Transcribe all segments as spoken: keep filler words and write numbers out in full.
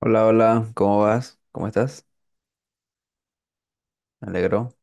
Hola, hola, ¿cómo vas? ¿Cómo estás? Me alegro.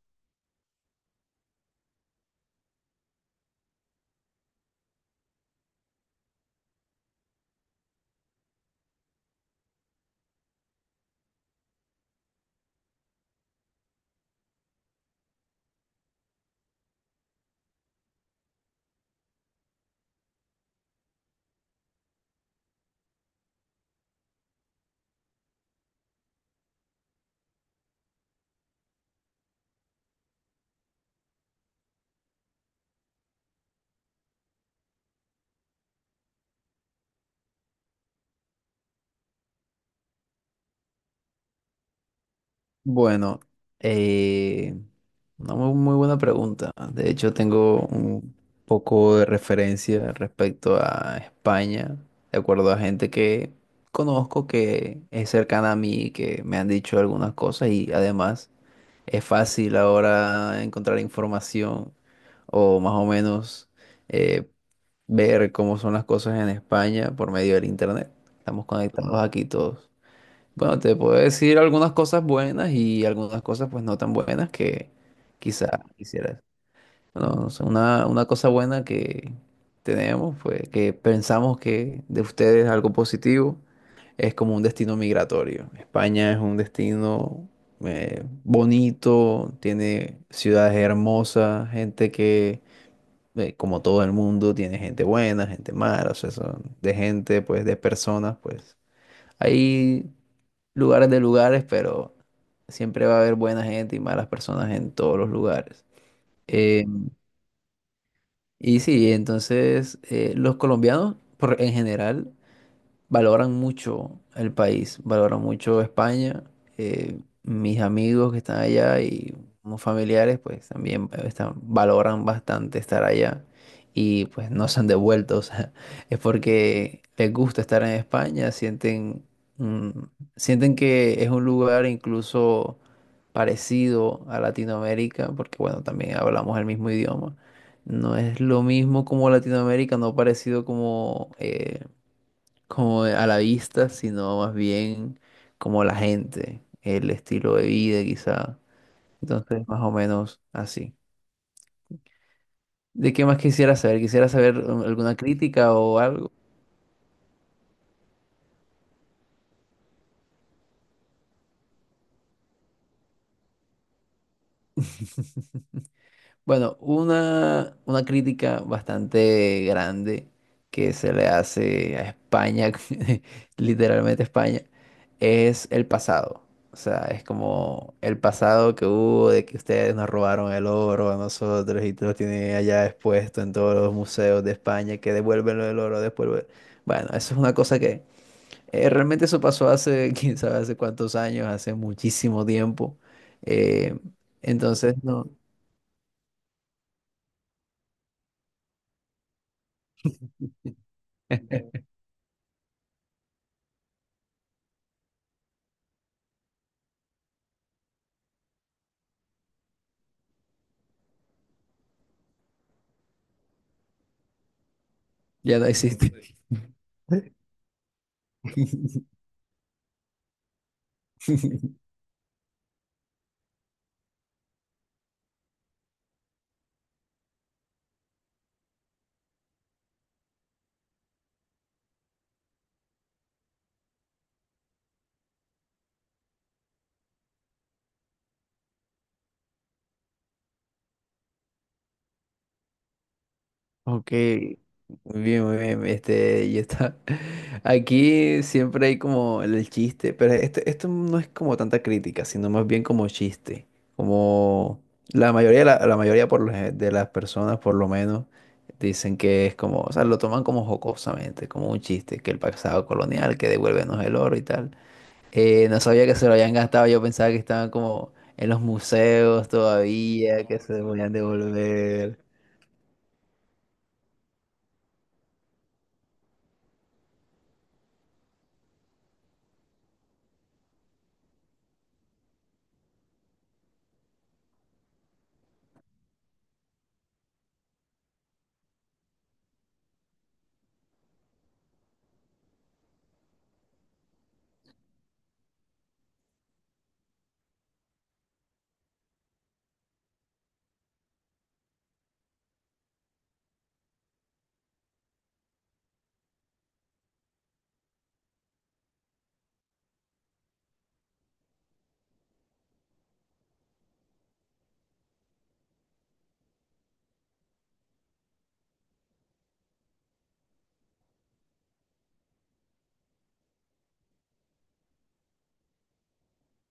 Bueno, eh, una mu- muy buena pregunta. De hecho, tengo un poco de referencia respecto a España, de acuerdo a gente que conozco que es cercana a mí, que me han dicho algunas cosas y además es fácil ahora encontrar información o más o menos eh, ver cómo son las cosas en España por medio del internet. Estamos conectados aquí todos. Bueno, te puedo decir algunas cosas buenas y algunas cosas pues no tan buenas que quizás quisieras. Bueno, no sé, una, una cosa buena que tenemos, pues que pensamos que de ustedes es algo positivo, es como un destino migratorio. España es un destino eh, bonito, tiene ciudades hermosas, gente que, eh, como todo el mundo, tiene gente buena, gente mala, o sea, son de gente, pues de personas, pues. Ahí lugares de lugares, pero siempre va a haber buena gente y malas personas en todos los lugares. Eh, y sí, entonces eh, los colombianos por- en general valoran mucho el país, valoran mucho España. eh, mis amigos que están allá y unos familiares, pues también eh, están, valoran bastante estar allá y pues no se han devuelto. O sea, es porque les gusta estar en España, sienten, mm, sienten que es un lugar incluso parecido a Latinoamérica, porque bueno, también hablamos el mismo idioma. No es lo mismo como Latinoamérica, no parecido como eh, como a la vista, sino más bien como la gente, el estilo de vida quizá. Entonces, más o menos así. ¿De qué más quisiera saber? ¿Quisiera saber um, alguna crítica o algo? Bueno, una, una crítica bastante grande que se le hace a España, literalmente España, es el pasado. O sea, es como el pasado que hubo de que ustedes nos robaron el oro a nosotros y lo tienen allá expuesto en todos los museos de España, que devuelven el oro después. vuel- Bueno, eso es una cosa que eh, realmente eso pasó hace, quién sabe, hace cuántos años, hace muchísimo tiempo. Eh, entonces, no, ya no existe. Ok, muy bien, muy bien. Este, yo está. Aquí siempre hay como el chiste, pero este, esto no es como tanta crítica, sino más bien como chiste. Como la mayoría, la, la mayoría por lo gen- de las personas, por lo menos, dicen que es como, o sea, lo toman como jocosamente, como un chiste, que el pasado colonial, que devuélvenos el oro y tal. Eh, no sabía que se lo habían gastado, yo pensaba que estaban como en los museos todavía, que se lo podían devolver.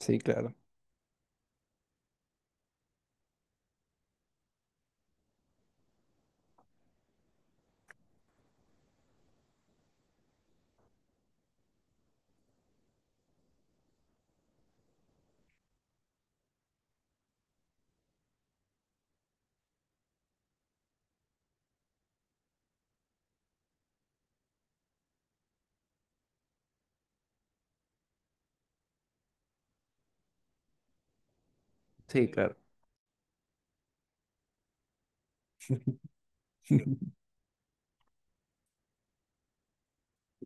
Sí, claro. Sí, claro.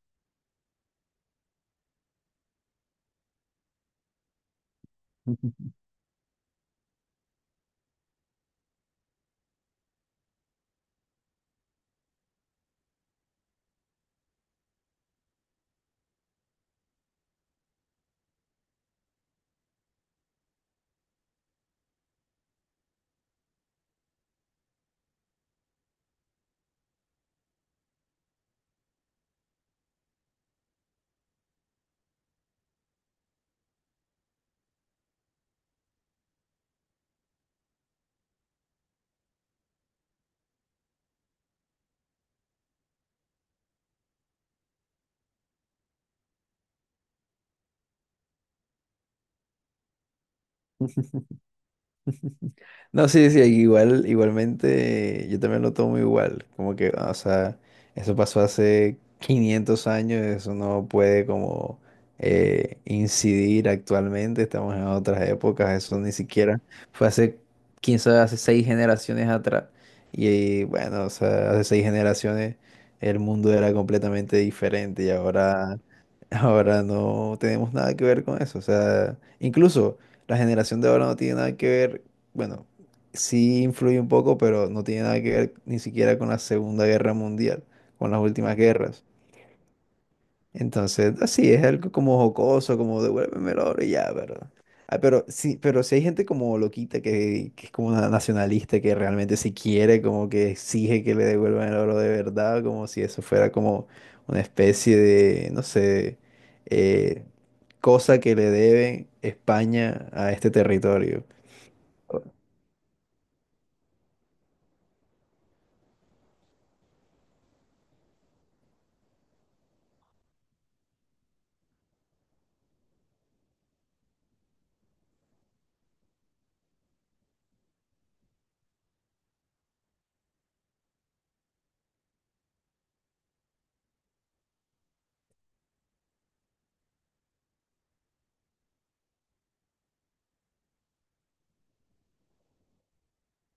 No, sí, sí, igual, igualmente, yo también lo tomo igual, como que, o sea, eso pasó hace quinientos años, eso no puede como eh, incidir actualmente, estamos en otras épocas, eso ni siquiera fue hace, quién sabe, hace seis generaciones atrás, y bueno, o sea, hace seis generaciones el mundo era completamente diferente y ahora, ahora no tenemos nada que ver con eso, o sea, incluso la generación de ahora no tiene nada que ver, bueno sí influye un poco, pero no tiene nada que ver ni siquiera con la Segunda Guerra Mundial, con las últimas guerras. Entonces, así es algo como jocoso, como devuélveme el oro y ya, ¿verdad? Ah, pero sí, pero si hay gente como loquita que, que es como una nacionalista que realmente si quiere, como que exige que le devuelvan el oro de verdad, como si eso fuera como una especie de, no sé, eh, cosa que le debe España a este territorio.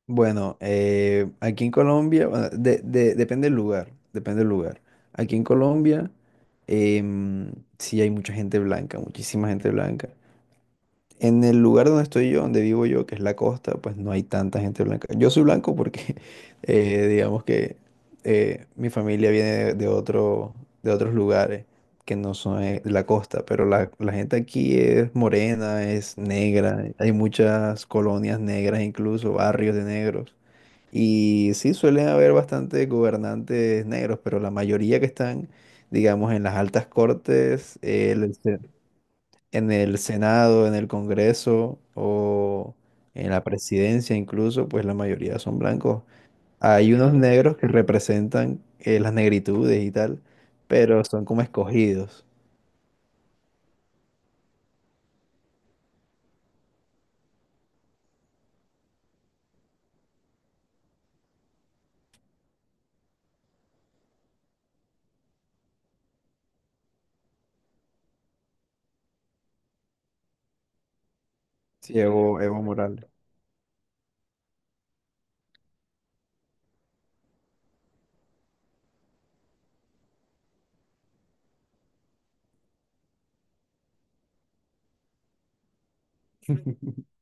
Bueno, eh, aquí en Colombia, bueno, de- de- depende del lugar, depende del lugar. Aquí en Colombia, em, sí hay mucha gente blanca, muchísima gente blanca. En el lugar donde estoy yo, donde vivo yo, que es la costa, pues no hay tanta gente blanca. Yo soy blanco porque, eh, digamos que eh, mi familia viene de, de otro, de otros lugares que no son eh, la costa, pero la, la gente aquí es morena, es negra, hay muchas colonias negras, incluso barrios de negros. Y sí, suelen haber bastante gobernantes negros, pero la mayoría que están, digamos, en las altas cortes, eh, el- en el Senado, en el Congreso o en la presidencia incluso, pues la mayoría son blancos. Hay unos negros que representan eh, las negritudes y tal, pero son como escogidos. Sí, Evo, Evo Morales.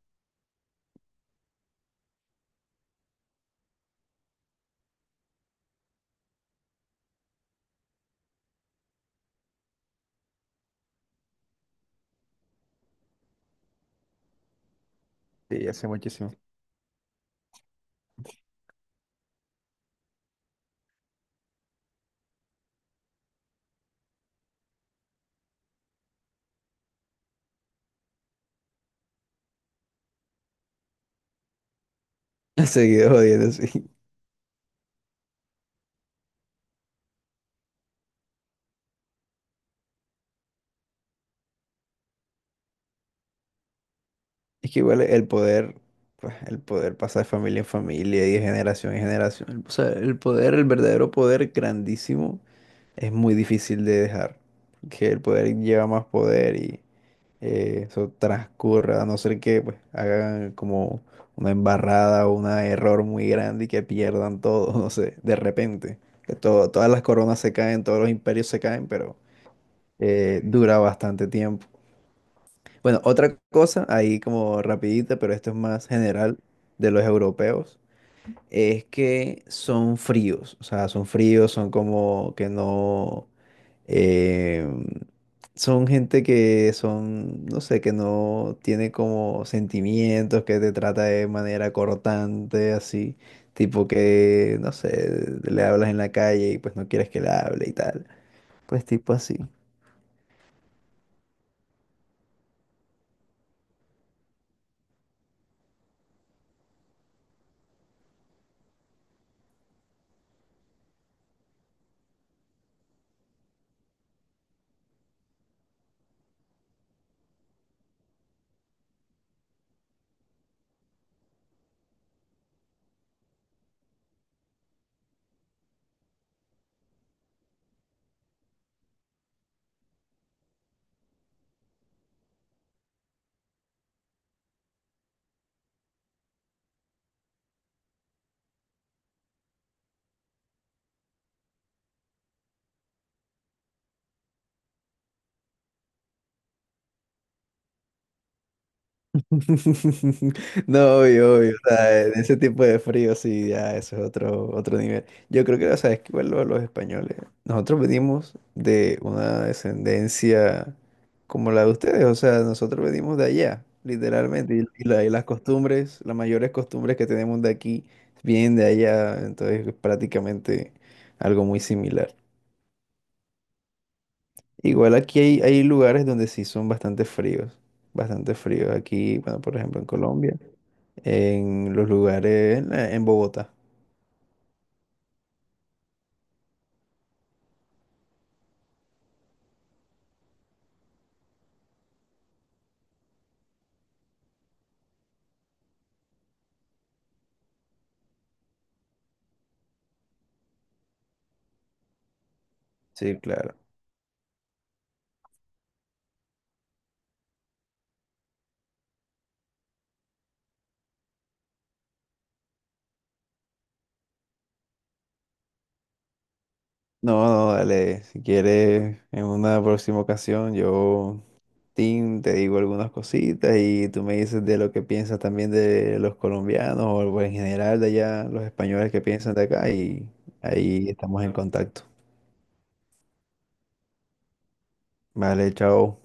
Sí, hace muchísimo. Ha seguido jodiendo, sí. Es que igual el poder, pues el poder pasa de familia en familia y de generación en generación. O sea, el poder, el verdadero poder grandísimo, es muy difícil de dejar. Que el poder lleva más poder y, eh, eso transcurra, a no ser que pues hagan como una embarrada o un error muy grande y que pierdan todo, no sé, de repente. Que todo- todas las coronas se caen, todos los imperios se caen, pero eh, dura bastante tiempo. Bueno, otra cosa, ahí como rapidita, pero esto es más general de los europeos, es que son fríos, o sea, son fríos, son como que no. Eh, Son gente que son, no sé, que no tiene como sentimientos, que te trata de manera cortante, así, tipo que, no sé, le hablas en la calle y pues no quieres que le hable y tal, pues tipo así. No, obvio, obvio, o sea, en ese tipo de frío sí, ya eso es otro, otro nivel. Yo creo que, o sea, es que igual lo- los españoles, nosotros venimos de una descendencia como la de ustedes, o sea, nosotros venimos de allá, literalmente, y, y la- y las costumbres, las mayores costumbres que tenemos de aquí vienen de allá, entonces es prácticamente algo muy similar. Igual aquí hay, hay lugares donde sí son bastante fríos, bastante fríos. Aquí, bueno, por ejemplo, en Colombia. En los lugares, en, en Bogotá. Sí, claro. No, no, dale. Si quieres, en una próxima ocasión, yo, Tim, te digo algunas cositas y tú me dices de lo que piensas también de los colombianos o en general de allá, los españoles que piensan de acá y ahí estamos en contacto. Vale, chao.